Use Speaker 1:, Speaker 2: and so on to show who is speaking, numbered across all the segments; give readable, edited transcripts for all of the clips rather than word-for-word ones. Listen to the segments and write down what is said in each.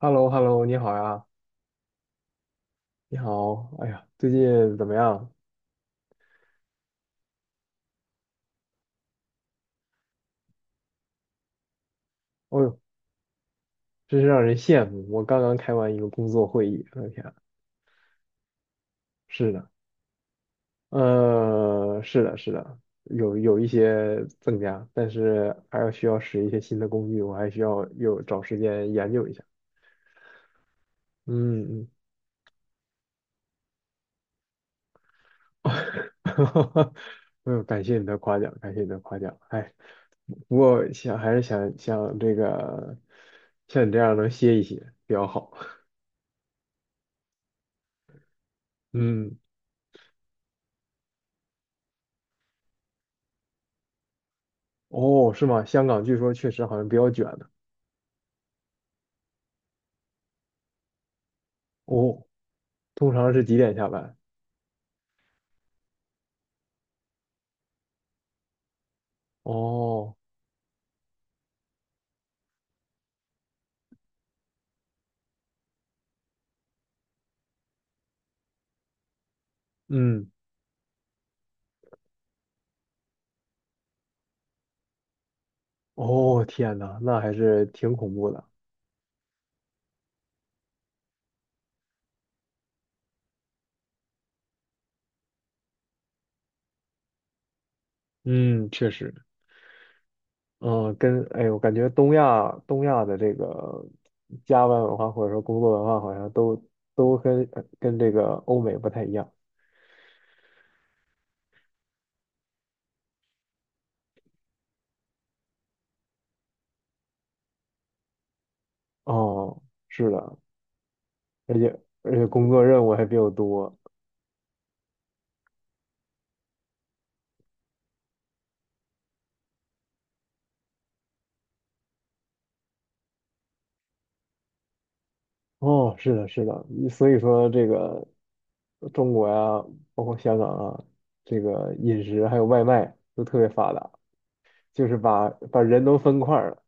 Speaker 1: h e l l o h e l l o 你好呀，你好，哎呀，最近怎么样？哦呦，真是让人羡慕。我刚刚开完一个工作会议，我的天啊，是的，是的，是的，有一些增加，但是还要需要使一些新的工具，我还需要有找时间研究一下。嗯嗯，呦，感谢你的夸奖，感谢你的夸奖。哎，不过还是想想这个，像你这样能歇一歇比较好。嗯。哦，是吗？香港据说确实好像比较卷的。哦，通常是几点下班？哦，嗯，哦，天呐，那还是挺恐怖的。嗯，确实，嗯，哎，我感觉东亚的这个加班文化或者说工作文化好像都跟这个欧美不太一样。哦，是的，而且而且工作任务还比较多。哦，是的，是的，所以说这个中国呀，包括香港啊，这个饮食还有外卖都特别发达，就是把人都分块儿了，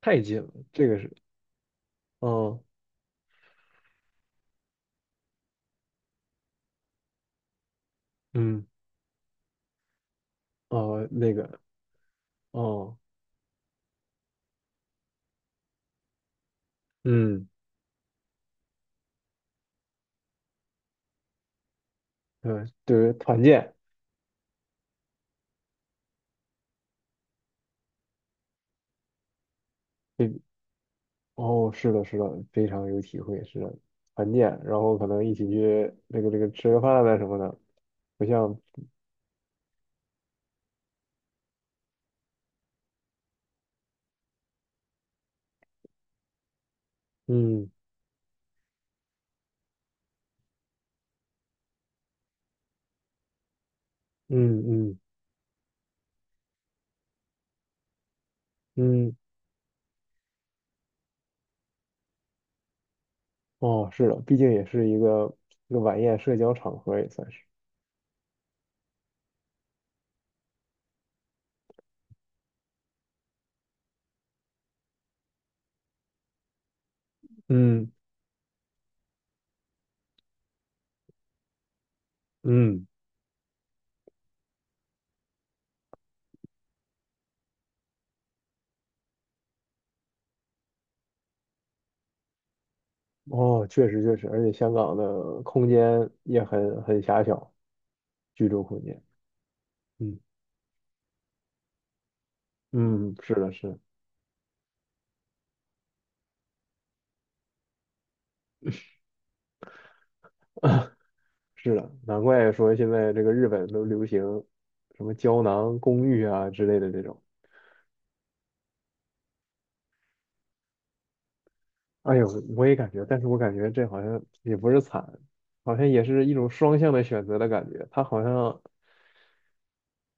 Speaker 1: 太近了，这个是，哦，嗯，哦，那个，哦，嗯，对，对，团建，对，哦，是的，是的，非常有体会，是的，团建，然后可能一起去那个吃个饭啊什么的，不像，嗯嗯嗯嗯哦，是的，毕竟也是一个晚宴社交场合，也算是。嗯嗯，哦，确实确实，而且香港的空间也很狭小，居住空间。嗯嗯，是的，是的，是的，难怪说现在这个日本都流行什么胶囊公寓啊之类的这种。哎呦，我也感觉，但是我感觉这好像也不是惨，好像也是一种双向的选择的感觉。他好像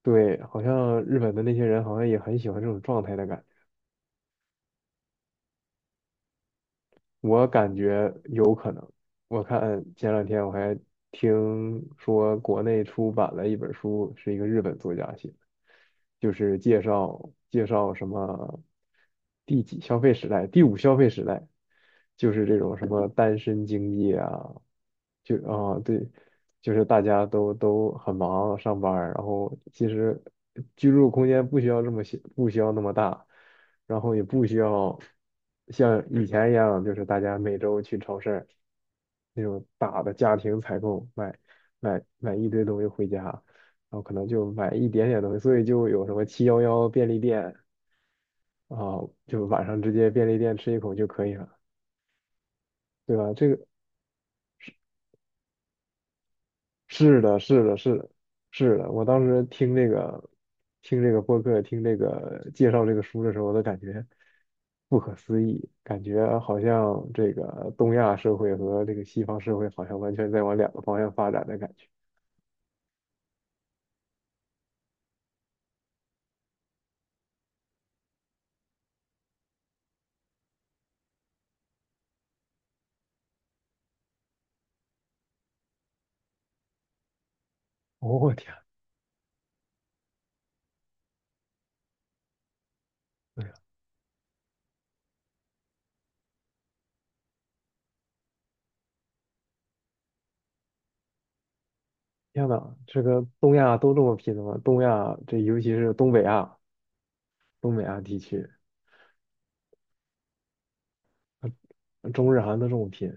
Speaker 1: 对，好像日本的那些人好像也很喜欢这种状态的感觉。我感觉有可能。我看前两天我还听说国内出版了一本书，是一个日本作家写的，就是介绍介绍什么第几消费时代，第五消费时代，就是这种什么单身经济啊，就啊对，就是大家都很忙上班儿然后其实居住空间不需要这么小，不需要那么大。然后也不需要像以前一样，就是大家每周去超市那种大的家庭采购，买一堆东西回家，然后可能就买一点点东西，所以就有什么7-11便利店啊，就晚上直接便利店吃一口就可以了，对吧？这个是的，是的，是的，是的。我当时听这个播客，听这个介绍这个书的时候，我都感觉不可思议，感觉好像这个东亚社会和这个西方社会好像完全在往两个方向发展的感觉。哦，我天，天呐，这个东亚都这么拼的吗？东亚这尤其是东北亚地区，中日韩都这么拼，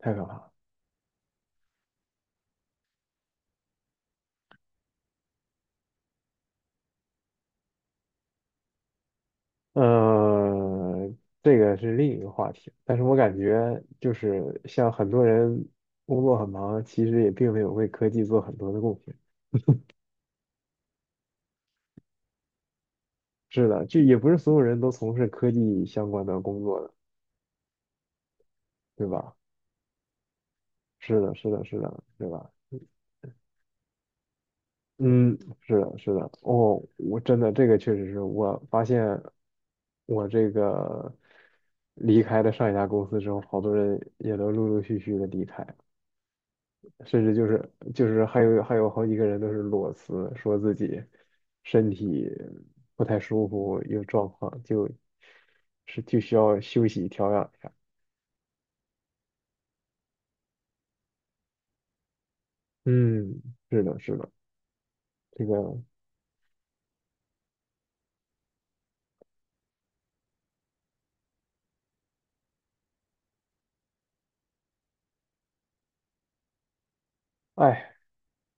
Speaker 1: 太可怕了。嗯，这个是另一个话题，但是我感觉就是像很多人工作很忙，其实也并没有为科技做很多的贡献。是的，就也不是所有人都从事科技相关的工作的，对吧？是的，是的，是的，对吧？嗯，是的，是的。哦，我真的这个确实是我发现我这个离开了上一家公司之后，好多人也都陆陆续续的离开。甚至就是还有好几个人都是裸辞，说自己身体不太舒服，有状况，就需要休息调养一下。嗯，是的，是的，这个，哎，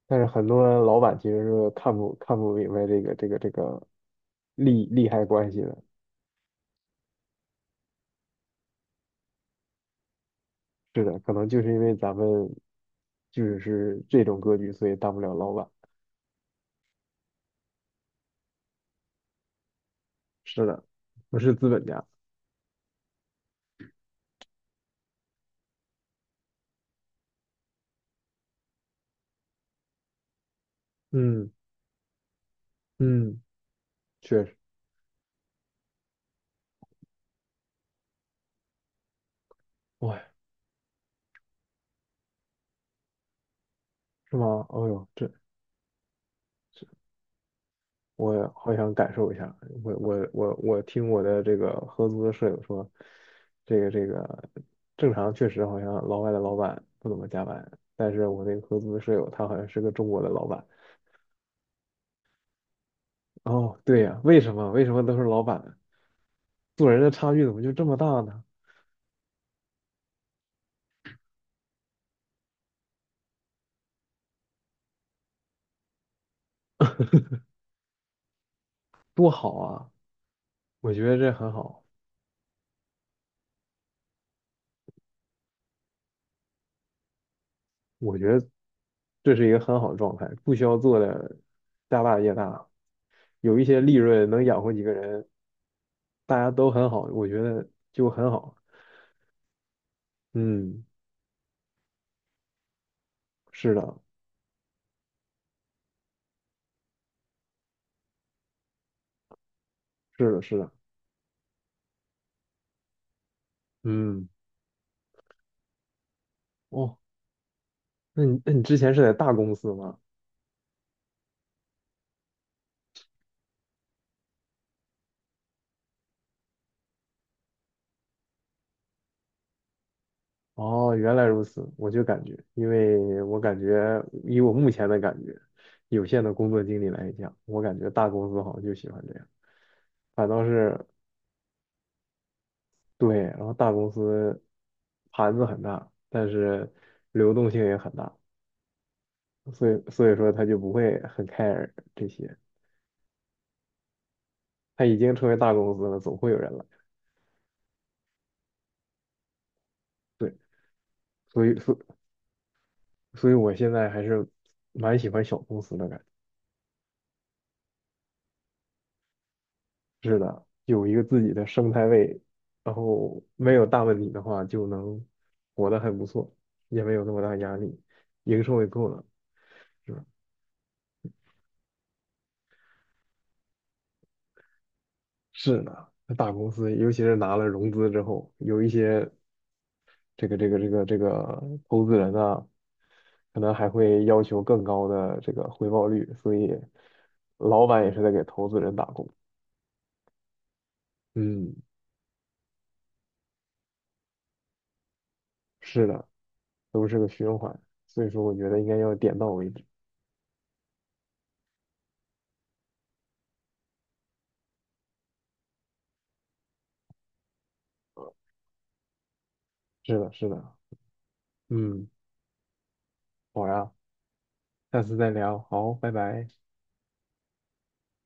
Speaker 1: 但是很多老板其实是看不明白这个利害关系的。是的，可能就是因为咱们就是这种格局，所以当不了老板。是的，不是资本家。嗯嗯，确实。哇是吗？哦呦，这我好想感受一下。我听我的这个合租的舍友说，这个正常确实好像老外的老板不怎么加班，但是我那个合租的舍友他好像是个中国的老板。哦，对呀，为什么都是老板？做人的差距怎么就这么大呢？多好啊！我觉得这很好。我觉得这是一个很好的状态，不需要做的家大业大，有一些利润能养活几个人，大家都很好，我觉得就很好。嗯，是的，是的，是的，嗯，哦，那你之前是在大公司吗？哦，原来如此，我就感觉，因为我感觉以我目前的感觉，有限的工作经历来讲，我感觉大公司好像就喜欢这样，反倒是对，然后大公司盘子很大，但是流动性也很大，所以说他就不会很 care 这些。他已经成为大公司了，总会有人来。对，所以所所以我现在还是蛮喜欢小公司的感觉。是的，有一个自己的生态位，然后没有大问题的话，就能活得很不错，也没有那么大压力，营收也够了，是吧？是的，那大公司尤其是拿了融资之后，有一些。这个投资人呢，可能还会要求更高的这个回报率，所以老板也是在给投资人打工。嗯，是的，都是个循环，所以说我觉得应该要点到为止。是的，是的，嗯，好呀，下次再聊，好，拜拜。